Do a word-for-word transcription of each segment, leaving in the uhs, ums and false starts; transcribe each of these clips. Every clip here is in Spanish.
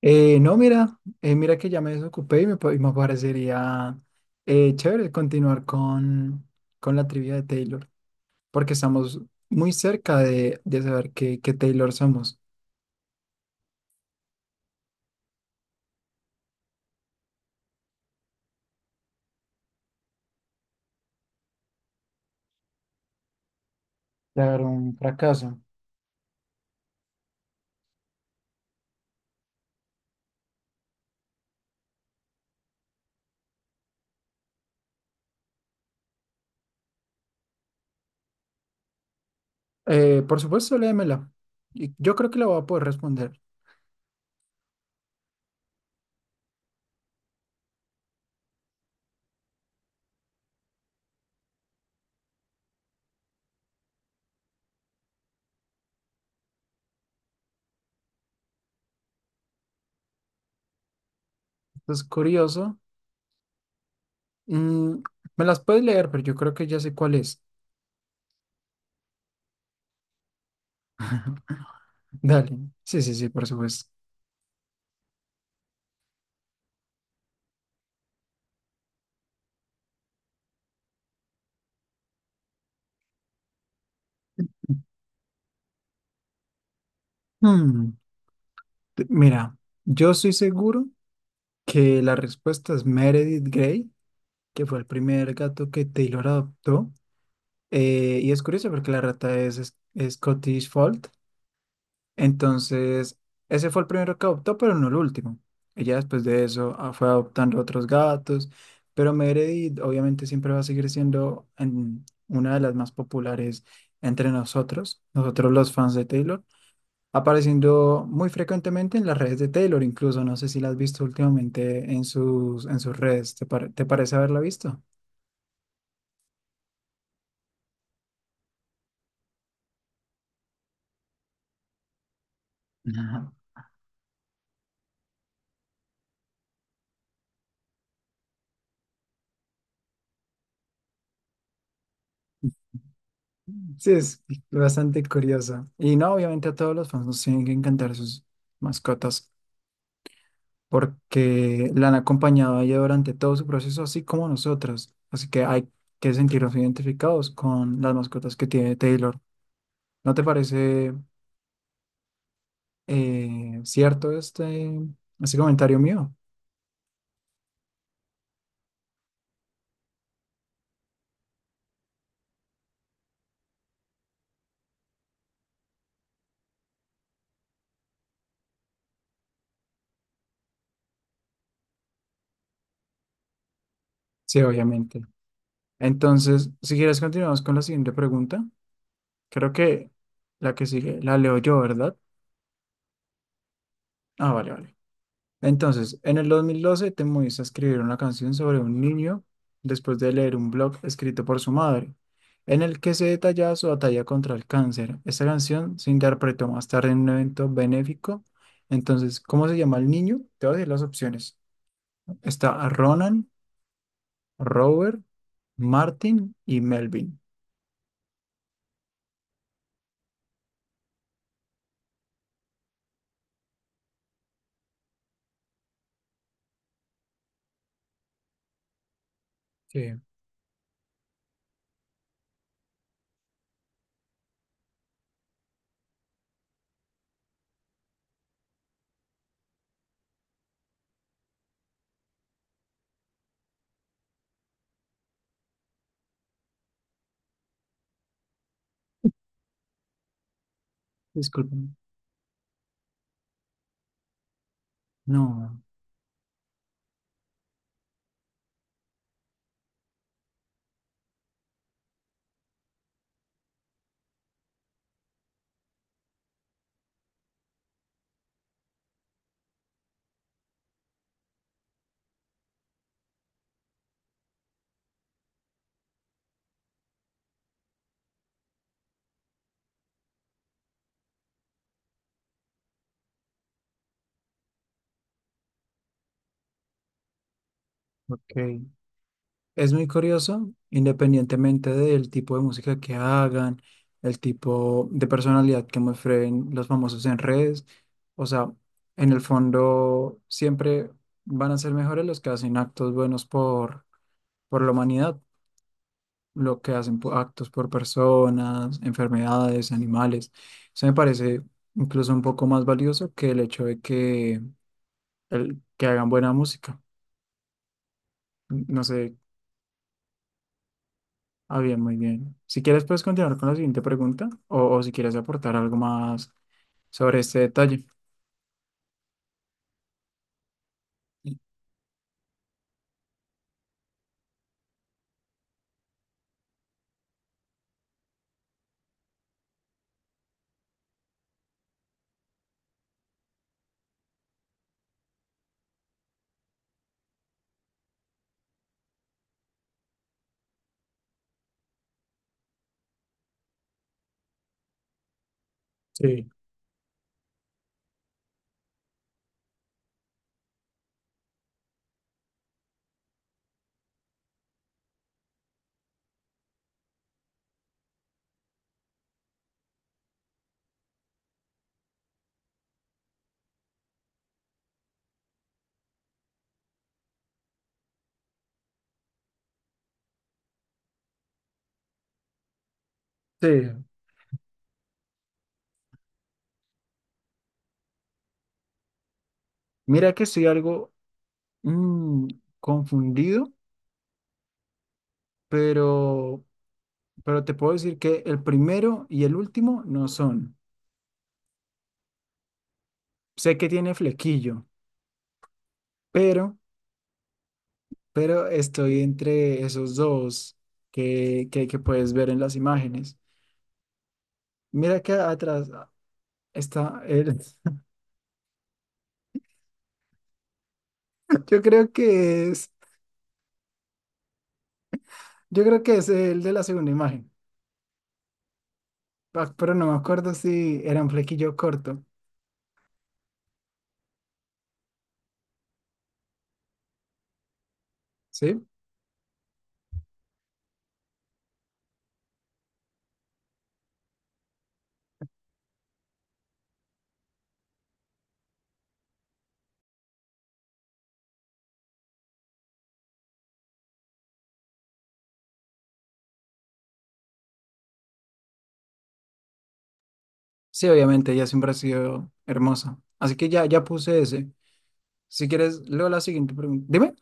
Eh, no, mira, eh, mira que ya me desocupé y me, pa- y me parecería eh, chévere continuar con, con la trivia de Taylor, porque estamos muy cerca de, de saber qué, qué Taylor somos. De haber un fracaso. Eh, por supuesto, léemela. Y Yo creo que la voy a poder responder. Es curioso. Mm, me las puedes leer, pero yo creo que ya sé cuál es. Dale. Sí, sí, sí, por supuesto. Hmm, t- mira, yo estoy seguro que la respuesta es Meredith Grey, que fue el primer gato que Taylor adoptó. Eh, y es curioso porque la rata es, es- es Scottish Fold. Entonces, ese fue el primero que adoptó, pero no el último. Ella después de eso ah, fue adoptando otros gatos, pero Meredith obviamente siempre va a seguir siendo en- una de las más populares entre nosotros, nosotros los fans de Taylor, apareciendo muy frecuentemente en las redes de Taylor, incluso no sé si la has visto últimamente en sus, en sus redes, ¿te, pare- te parece haberla visto? Ajá. Sí, es bastante curioso. Y no, obviamente a todos los fans nos tienen que encantar sus mascotas porque la han acompañado a ella durante todo su proceso, así como nosotros. Así que hay que sentirnos identificados con las mascotas que tiene Taylor. ¿No te parece eh, cierto este, este comentario mío? Sí, obviamente. Entonces, si quieres, continuamos con la siguiente pregunta. Creo que la que sigue la leo yo, ¿verdad? Ah, vale, vale. Entonces, en el dos mil doce te moviste a escribir una canción sobre un niño después de leer un blog escrito por su madre, en el que se detallaba su batalla contra el cáncer. Esta canción se interpretó más tarde en un evento benéfico. Entonces, ¿cómo se llama el niño? Te voy a decir las opciones. Está Ronan, Robert, Martin y Melvin. Sí. Disculpen. No, ok. Es muy curioso, independientemente del tipo de música que hagan, el tipo de personalidad que muestren los famosos en redes. O sea, en el fondo siempre van a ser mejores los que hacen actos buenos por, por la humanidad, lo que hacen po- actos por personas, enfermedades, animales. Eso me parece incluso un poco más valioso que el hecho de que, el, que hagan buena música. No sé. Ah, bien, muy bien. Si quieres, puedes continuar con la siguiente pregunta o, o si quieres aportar algo más sobre este detalle. Sí, sí, mira que estoy algo mm, confundido, pero, pero te puedo decir que el primero y el último no son. Sé que tiene flequillo, pero, pero estoy entre esos dos que, que, que puedes ver en las imágenes. Mira que atrás ah, está el... Yo creo que es... Yo creo que es el de la segunda imagen, pa- pero no me acuerdo si era un flequillo corto, ¿sí? Sí, obviamente, ella siempre ha sido hermosa. Así que ya, ya puse ese. Si quieres, leo la siguiente pregunta. Dime.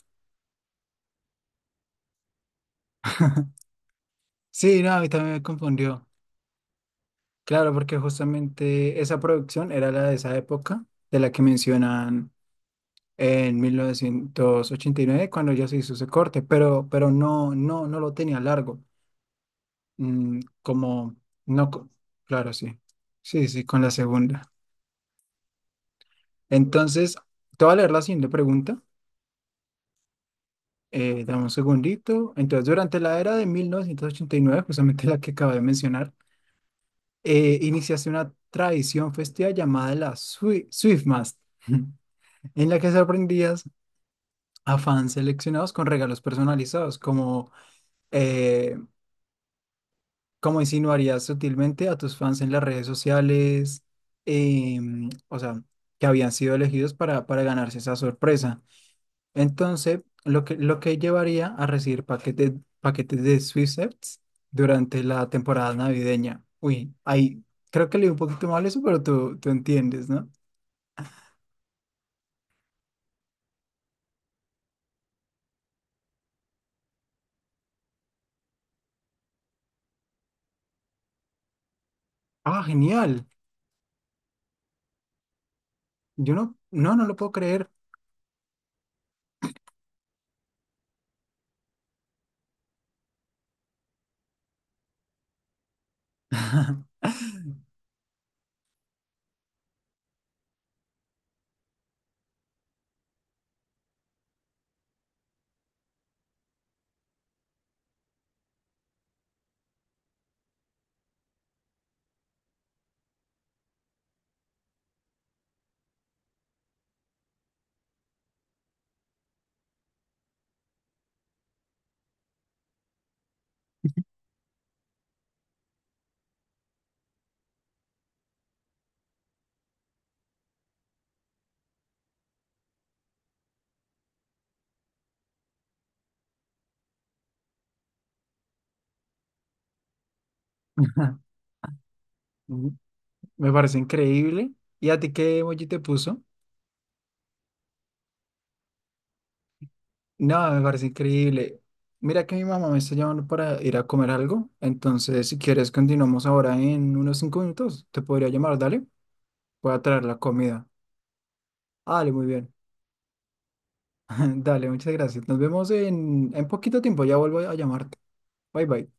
Sí, no, a mí también me confundió. Claro, porque justamente esa producción era la de esa época, de la que mencionan en mil novecientos ochenta y nueve cuando ya se hizo ese corte, pero, pero no, no, no lo tenía largo. Mm, como, no, co- claro, sí. Sí, sí, con la segunda. Entonces, te voy a leer la siguiente pregunta. Eh, dame un segundito. Entonces, durante la era de mil novecientos ochenta y nueve, justamente la que acabo de mencionar, eh, iniciaste una tradición festiva llamada la Swi- Swiftmas, en la que sorprendías a fans seleccionados con regalos personalizados, como, eh, como insinuarías sutilmente a tus fans en las redes sociales, em, o sea, que habían sido elegidos para, para ganarse esa sorpresa. Entonces, lo que, lo que llevaría a recibir paquetes, paquetes de Swissets durante la temporada navideña. Uy, ahí creo que leí un poquito mal eso, pero tú, tú entiendes, ¿no? Ah, genial. Yo no, no, no lo puedo creer. Me parece increíble. ¿Y a ti qué emoji te puso? No, me parece increíble. Mira que mi mamá me está llamando para ir a comer algo. Entonces, si quieres, continuamos ahora en unos cinco minutos. Te podría llamar, dale. Voy a traer la comida. Dale, muy bien. Dale, muchas gracias. Nos vemos en, en poquito tiempo. Ya vuelvo a llamarte. Bye bye.